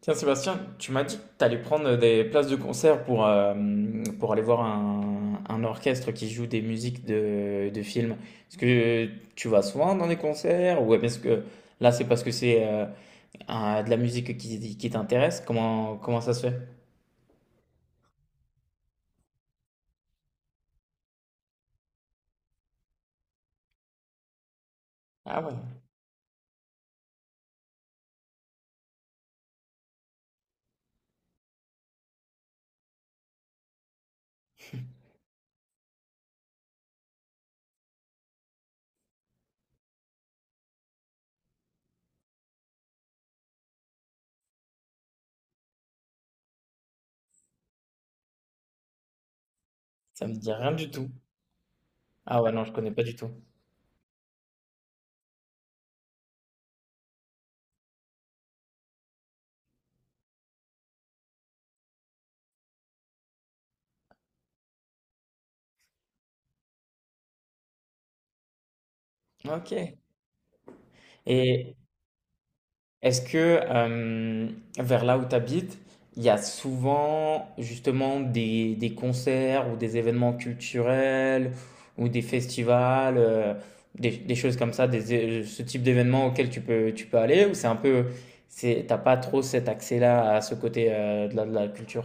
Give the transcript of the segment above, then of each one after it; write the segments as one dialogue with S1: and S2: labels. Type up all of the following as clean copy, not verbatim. S1: Tiens, Sébastien, tu m'as dit que tu allais prendre des places de concert pour aller voir un orchestre qui joue des musiques de films. Est-ce que tu vas souvent dans des concerts ou est-ce que là, c'est parce que c'est de la musique qui t'intéresse? Comment ça se fait? Ah ouais, ça me dit rien du tout. Ah ouais, non, je connais pas du tout. Ok. Et, Est-ce que euh, vers là où tu habites, il y a souvent justement des concerts ou des événements culturels ou des festivals, des choses comme ça, ce type d'événements auxquels tu peux aller ou c'est un peu, c'est, t'as pas trop cet accès-là à ce côté de de la culture?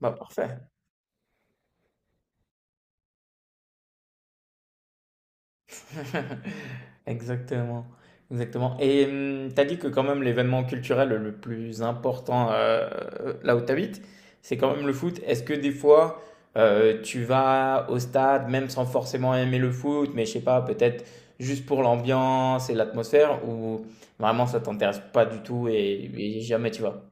S1: Bah parfait. Exactement, exactement. Et t'as dit que quand même l'événement culturel le plus important là où t'habites, c'est quand même le foot. Est-ce que des fois tu vas au stade même sans forcément aimer le foot, mais je sais pas, peut-être juste pour l'ambiance et l'atmosphère, ou vraiment ça t'intéresse pas du tout et jamais tu vas?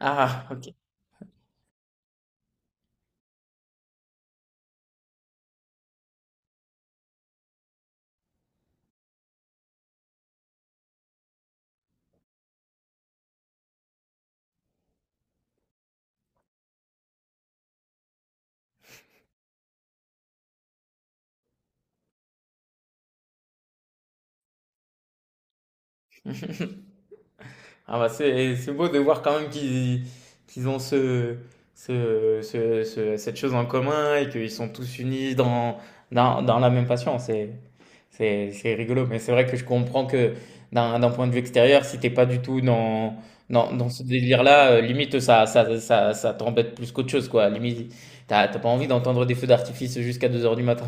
S1: Ah, ok. Ah bah c'est beau de voir quand même qu'ils ont cette chose en commun et qu'ils sont tous unis dans, dans la même passion. C'est, c'est rigolo. Mais c'est vrai que je comprends que d'un point de vue extérieur, si t'es pas du tout dans, dans ce délire-là, limite ça t'embête plus qu'autre chose, quoi. Limite, t'as pas envie d'entendre des feux d'artifice jusqu'à 2 heures du matin.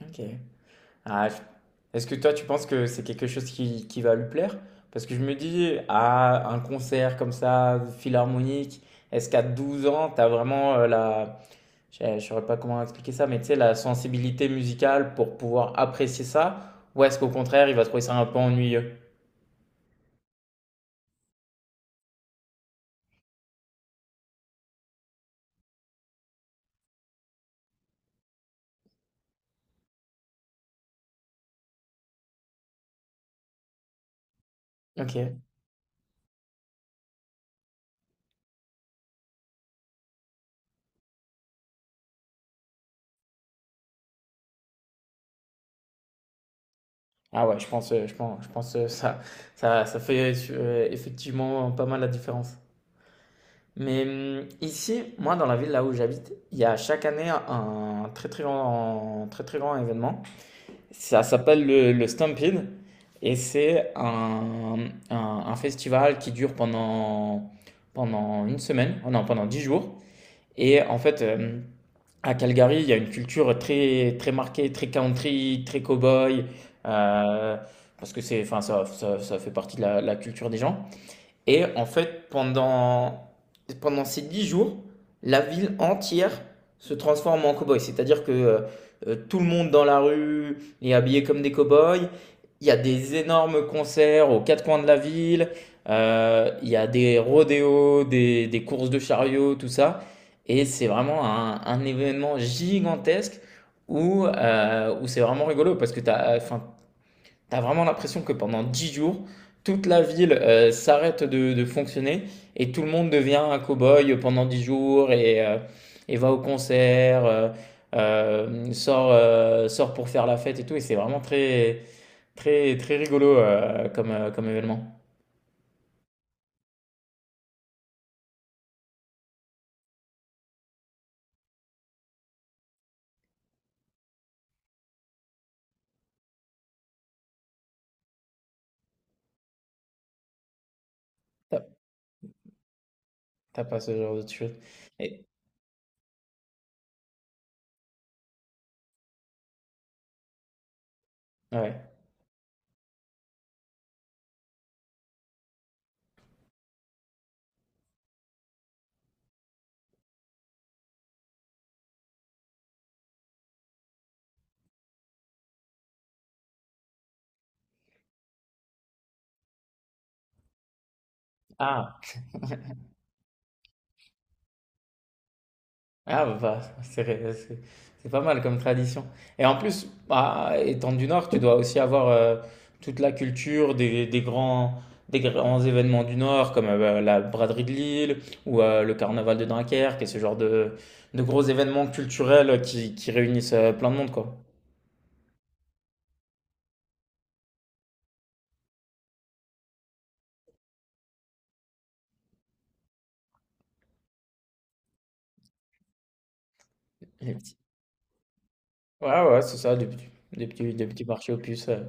S1: Ok. Ah, Est-ce que toi, tu penses que c'est quelque chose qui va lui plaire? Parce que je me dis, à un concert comme ça, philharmonique, est-ce qu'à 12 ans, t'as vraiment la... Je ne saurais pas comment expliquer ça, mais tu sais, la sensibilité musicale pour pouvoir apprécier ça? Ou est-ce qu'au contraire, il va trouver ça un peu ennuyeux? Ok. Ah ouais, je pense, je pense, je pense ça fait effectivement pas mal la différence. Mais ici, moi, dans la ville là où j'habite, il y a chaque année un très très grand événement. Ça s'appelle le Stampede et c'est un, un festival qui dure pendant, pendant une semaine, oh non, pendant 10 jours. Et en fait, à Calgary, il y a une culture très très marquée, très country, très cowboy, euh, parce que c'est, enfin, ça fait partie de la culture des gens. Et en fait, pendant, pendant ces 10 jours, la ville entière se transforme en cow-boy. C'est-à-dire que tout le monde dans la rue est habillé comme des cow-boys. Il y a des énormes concerts aux quatre coins de la ville. Il y a des rodéos, des courses de chariots, tout ça. Et c'est vraiment un événement gigantesque où, où c'est vraiment rigolo parce que t'as, enfin, t'as vraiment l'impression que pendant 10 jours, toute la ville s'arrête de fonctionner et tout le monde devient un cow-boy pendant 10 jours et va au concert, sort, sort pour faire la fête et tout. Et c'est vraiment très, très, très rigolo comme, comme événement. T'as t'as pas ce genre de choses. Et- Ouais. Ah, Ah bah, bah, c'est c'est pas mal comme tradition. Et en plus, bah, étant du Nord, tu dois aussi avoir toute la culture des grands événements du Nord, comme bah, la braderie de Lille ou le carnaval de Dunkerque et ce genre de gros événements culturels qui réunissent plein de monde, quoi. Des petits- Ouais, ouais, c'est ça, des petits marchés aux puces.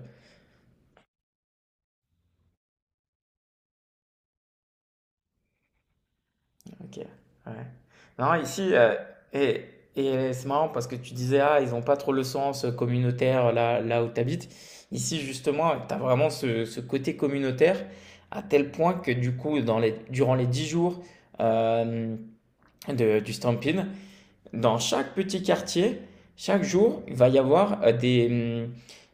S1: OK, ouais. Non, ici, et et c'est marrant parce que tu disais: «Ah, ils ont pas trop le sens, communautaire là où tu habites». Ici, justement, tu as vraiment ce côté communautaire à tel point que du coup, dans les durant les 10 jours, hem, de du Stampin', dans chaque petit quartier, chaque jour, il va y avoir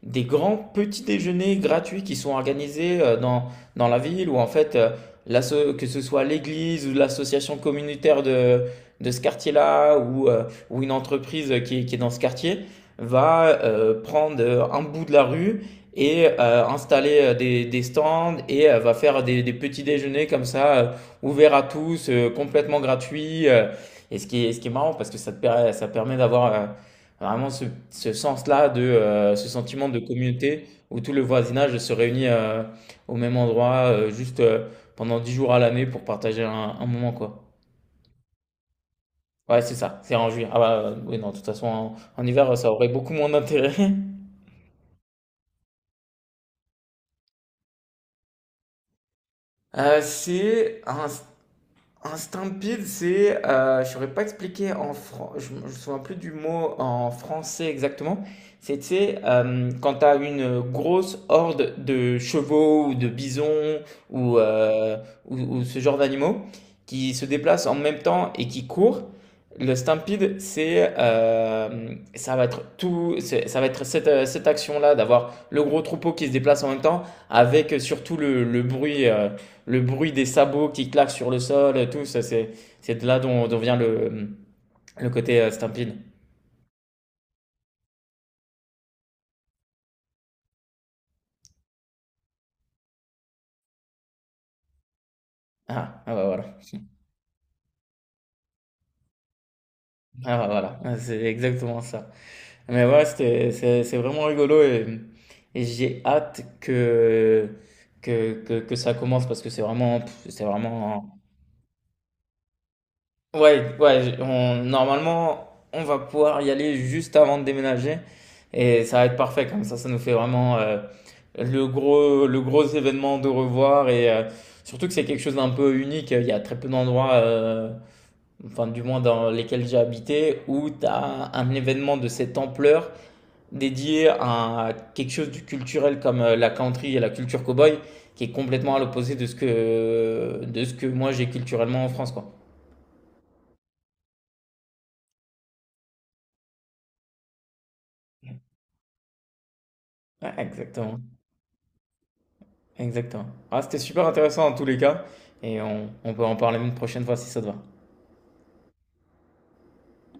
S1: des grands petits déjeuners gratuits qui sont organisés dans, dans la ville ou en fait, que ce soit l'église ou l'association communautaire de ce quartier-là ou une entreprise qui est dans ce quartier va prendre un bout de la rue et installer des stands et va faire des petits déjeuners comme ça, ouverts à tous, complètement gratuits. Et ce qui est marrant, parce que ça permet d'avoir vraiment ce, ce sens-là, de, ce sentiment de communauté où tout le voisinage se réunit au même endroit, juste pendant 10 jours à l'année pour partager un moment, quoi. Ouais, c'est ça, c'est en juillet. Ah bah, oui, non, de toute façon, en, en hiver, ça aurait beaucoup moins d'intérêt. C'est un stampede, c'est, je saurais pas expliquer en me je me souviens plus du mot en français exactement. C'était quand t'as une grosse horde de chevaux ou de bisons ou, euh, ou ce genre d'animaux qui se déplacent en même temps et qui courent. Le stampede, c'est, ça va être tout, ça va être cette, cette action-là d'avoir le gros troupeau qui se déplace en même temps avec surtout le bruit. Le bruit des sabots qui claquent sur le sol, tout ça, c'est de là dont vient le côté Stampin'. Ah, ah bah voilà. Ah bah voilà. Ah, c'est exactement ça. Mais ouais, c'était, c'est vraiment rigolo et j'ai hâte que ça commence parce que c'est vraiment, pff, c'est vraiment ouais, ouais, on, normalement, on va pouvoir y aller juste avant de déménager et ça va être parfait comme ça nous fait vraiment le gros événement de revoir et surtout que c'est quelque chose d'un peu unique. Il y a très peu d'endroits, enfin du moins dans lesquels j'ai habité, où tu as un événement de cette ampleur dédié à quelque chose du culturel comme la country et la culture cowboy qui est complètement à l'opposé de ce que moi j'ai culturellement en France, quoi. Ouais, exactement. Exactement. Ah, c'était super intéressant en tous les cas, et on peut en parler une prochaine fois si ça te va.